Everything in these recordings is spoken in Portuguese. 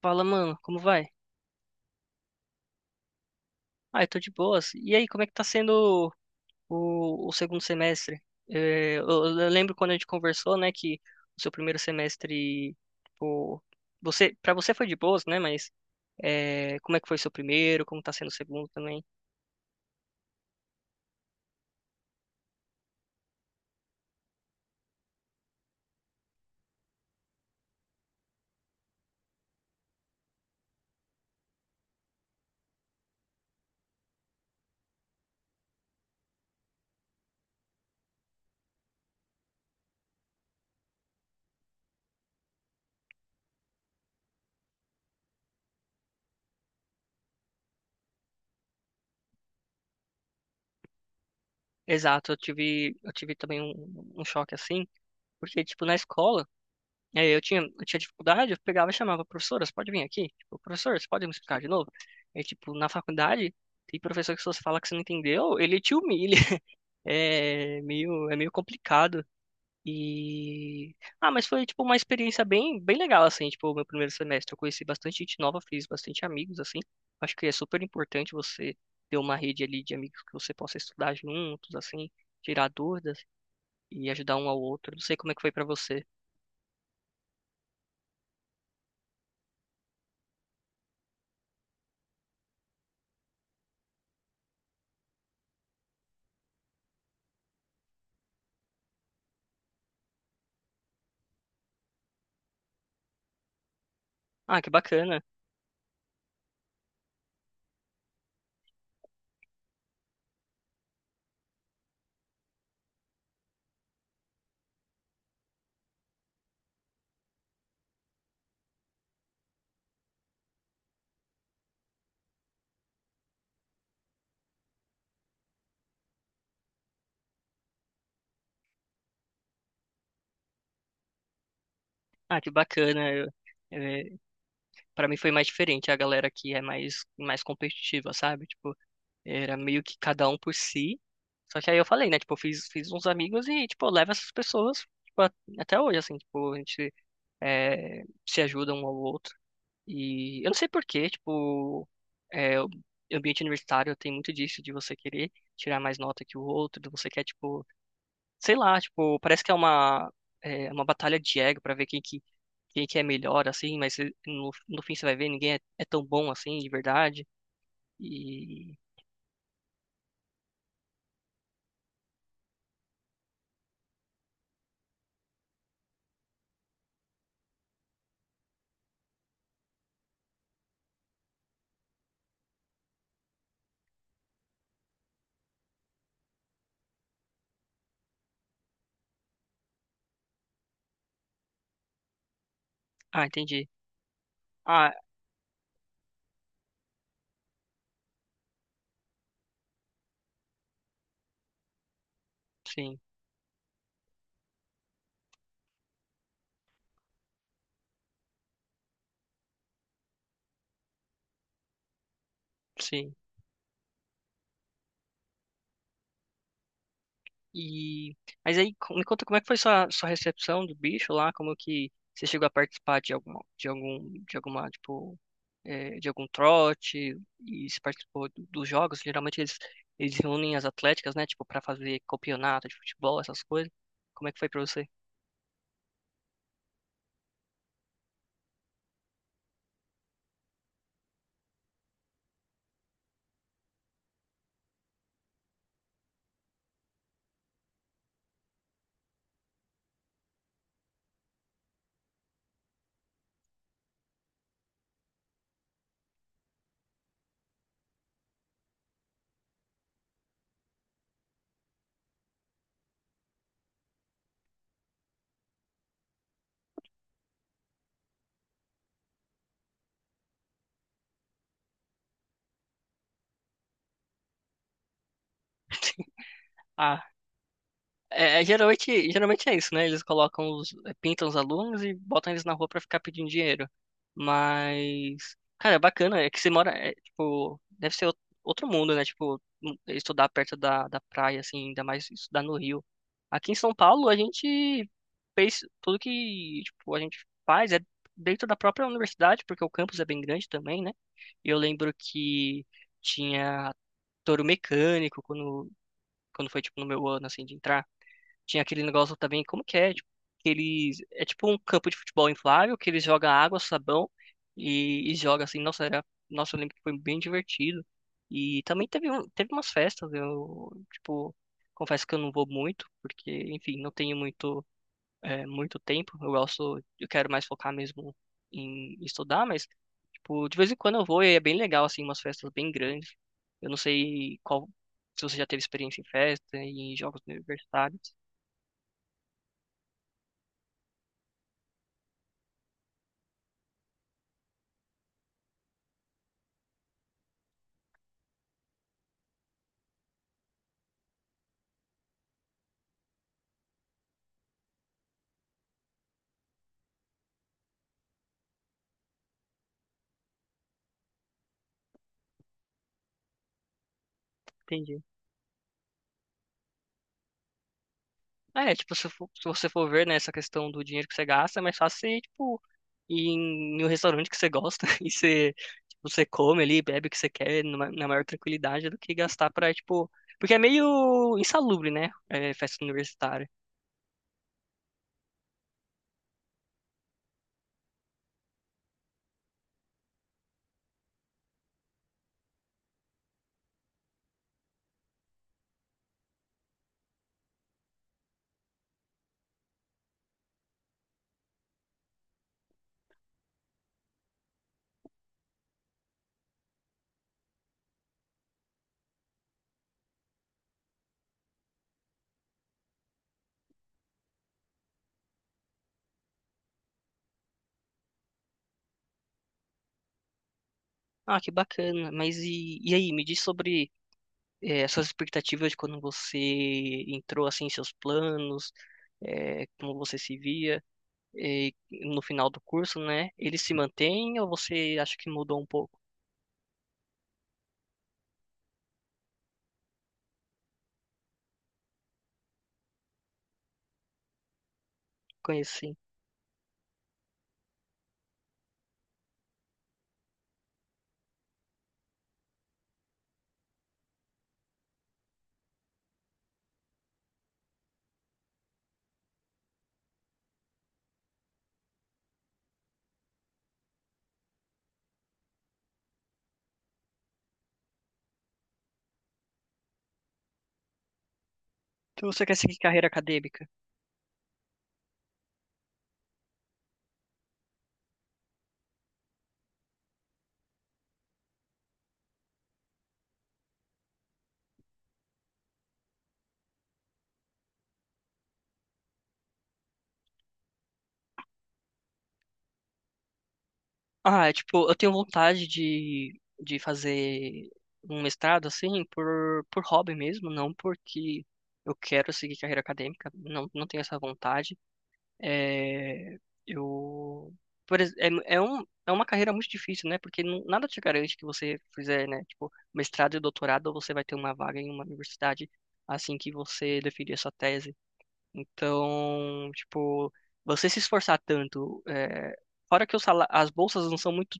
Fala, mano, como vai? Ah, eu tô de boas. E aí, como é que tá sendo o segundo semestre? Eu lembro quando a gente conversou, né, que o seu primeiro semestre, tipo, para você foi de boas, né, mas é, como é que foi seu primeiro? Como tá sendo o segundo também? Exato, eu tive também um choque assim, porque, tipo, na escola, eu tinha dificuldade, eu pegava e chamava, professora, você pode vir aqui? Tipo, professor, você pode me explicar de novo? É tipo, na faculdade, tem professor que se você fala que você não entendeu, ele te humilha. É meio complicado. E... Ah, mas foi, tipo, uma experiência bem legal, assim, tipo, o meu primeiro semestre. Eu conheci bastante gente nova, fiz bastante amigos, assim. Acho que é super importante você ter uma rede ali de amigos que você possa estudar juntos, assim, tirar dúvidas e ajudar um ao outro. Não sei como é que foi pra você. Ah, que bacana. Ah, que bacana. Eu, é, para mim foi mais diferente. A galera aqui é mais competitiva, sabe? Tipo, era meio que cada um por si. Só que aí eu falei, né? Tipo, fiz uns amigos e, tipo, eu levo essas pessoas, tipo, até hoje, assim, tipo, a gente é, se ajuda um ao outro. E eu não sei por quê, tipo, é, o ambiente universitário tem muito disso, de você querer tirar mais nota que o outro, de você quer, tipo, sei lá, tipo, parece que é, uma batalha de ego pra ver quem que é melhor, assim, mas eh, no fim você vai ver, ninguém é, é tão bom assim, de verdade. E. Ah, entendi. Ah, sim, sim. E mas aí me conta como é que foi sua recepção do bicho lá, como que você chegou a participar de alguma tipo eh, de algum trote e se participou dos jogos, geralmente eles reúnem as atléticas, né, tipo para fazer campeonato de futebol, essas coisas. Como é que foi pra você? Geralmente é isso, né? Eles colocam os, é, pintam os alunos e botam eles na rua pra ficar pedindo dinheiro. Mas, cara, é bacana, é que você mora, é, tipo, deve ser outro mundo, né? Tipo, estudar perto da praia, assim, ainda mais estudar no Rio. Aqui em São Paulo, a gente fez tudo que, tipo, a gente faz é dentro da própria universidade, porque o campus é bem grande também, né? E eu lembro que tinha touro mecânico quando foi, tipo, no meu ano, assim, de entrar. Tinha aquele negócio também, como que é? Tipo, que eles, é tipo um campo de futebol inflável que eles jogam água, sabão e, joga assim. Nossa, era, nossa, eu lembro que foi bem divertido. E também teve, um, teve umas festas, eu, tipo, confesso que eu não vou muito, porque, enfim, não tenho muito, é, muito tempo. Eu quero mais focar mesmo em estudar, mas, tipo, de vez em quando eu vou e é bem legal, assim, umas festas bem grandes. Eu não sei qual, se você já teve experiência em festa, em jogos universitários. Entendi. É, tipo, se você for ver, né, essa questão do dinheiro que você gasta, é mais fácil você, tipo, ir em, em um restaurante que você gosta e você, tipo, você come ali, bebe o que você quer na maior tranquilidade do que gastar pra, tipo... Porque é meio insalubre, né, é, festa universitária. Ah, que bacana, mas e aí, me diz sobre é, as suas expectativas de quando você entrou, assim, em seus planos, é, como você se via é, no final do curso, né? Ele se mantém ou você acha que mudou um pouco? Conheci. Então você quer seguir carreira acadêmica? Ah, é tipo, eu tenho vontade de fazer um mestrado, assim, por hobby mesmo, não porque eu quero seguir carreira acadêmica, não, não tenho essa vontade. É, eu, por, ex- é, é, um, é uma carreira muito difícil, né? Porque nada te garante que você fizer, né? Tipo, mestrado e doutorado, você vai ter uma vaga em uma universidade assim que você definir a sua tese. Então, tipo, você se esforçar tanto, é, fora que o as bolsas não são muito,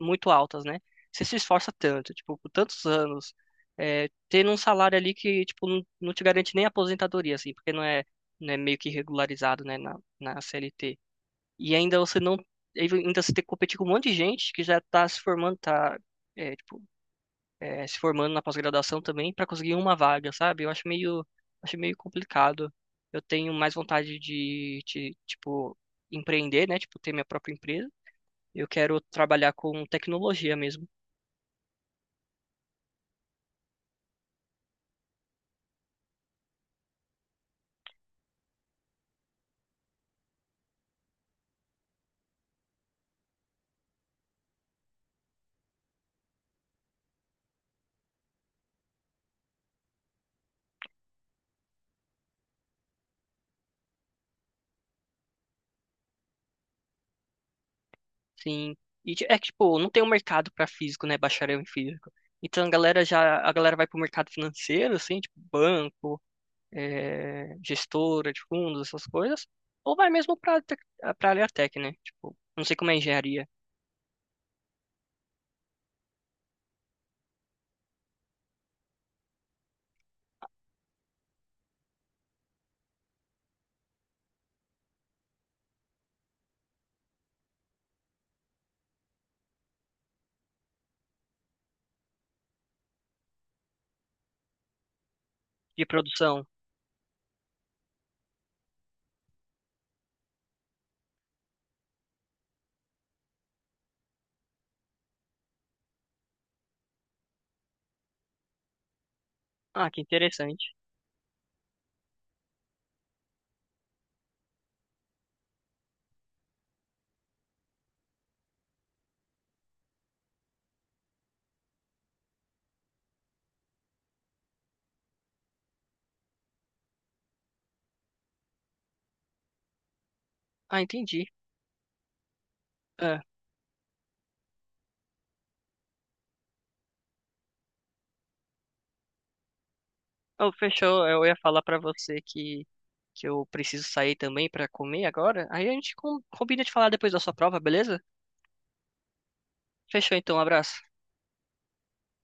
muito altas, né? Você se esforça tanto, tipo, por tantos anos, é, tendo um salário ali que, tipo, não, não te garante nem aposentadoria, assim, porque não é, não é meio que regularizado, né, na CLT. E ainda você não, ainda você tem que competir com um monte de gente que já tá se formando, tá, é, tipo, eh, se formando na pós-graduação também para conseguir uma vaga, sabe? Acho meio complicado. Eu tenho mais vontade tipo, empreender, né? Tipo, ter minha própria empresa. Eu quero trabalhar com tecnologia mesmo, sim. E é que, tipo, não tem um mercado para físico, né? Bacharel em físico. Então a galera vai pro mercado financeiro, assim, tipo, banco, eh, gestora de fundos, essas coisas. Ou vai mesmo pra área tech, né? Tipo, não sei como é engenharia de produção. Ah, que interessante. Ah, entendi. É. Oh, fechou. Eu ia falar pra você que eu preciso sair também pra comer agora. Aí a gente combina de falar depois da sua prova, beleza? Fechou então, um abraço.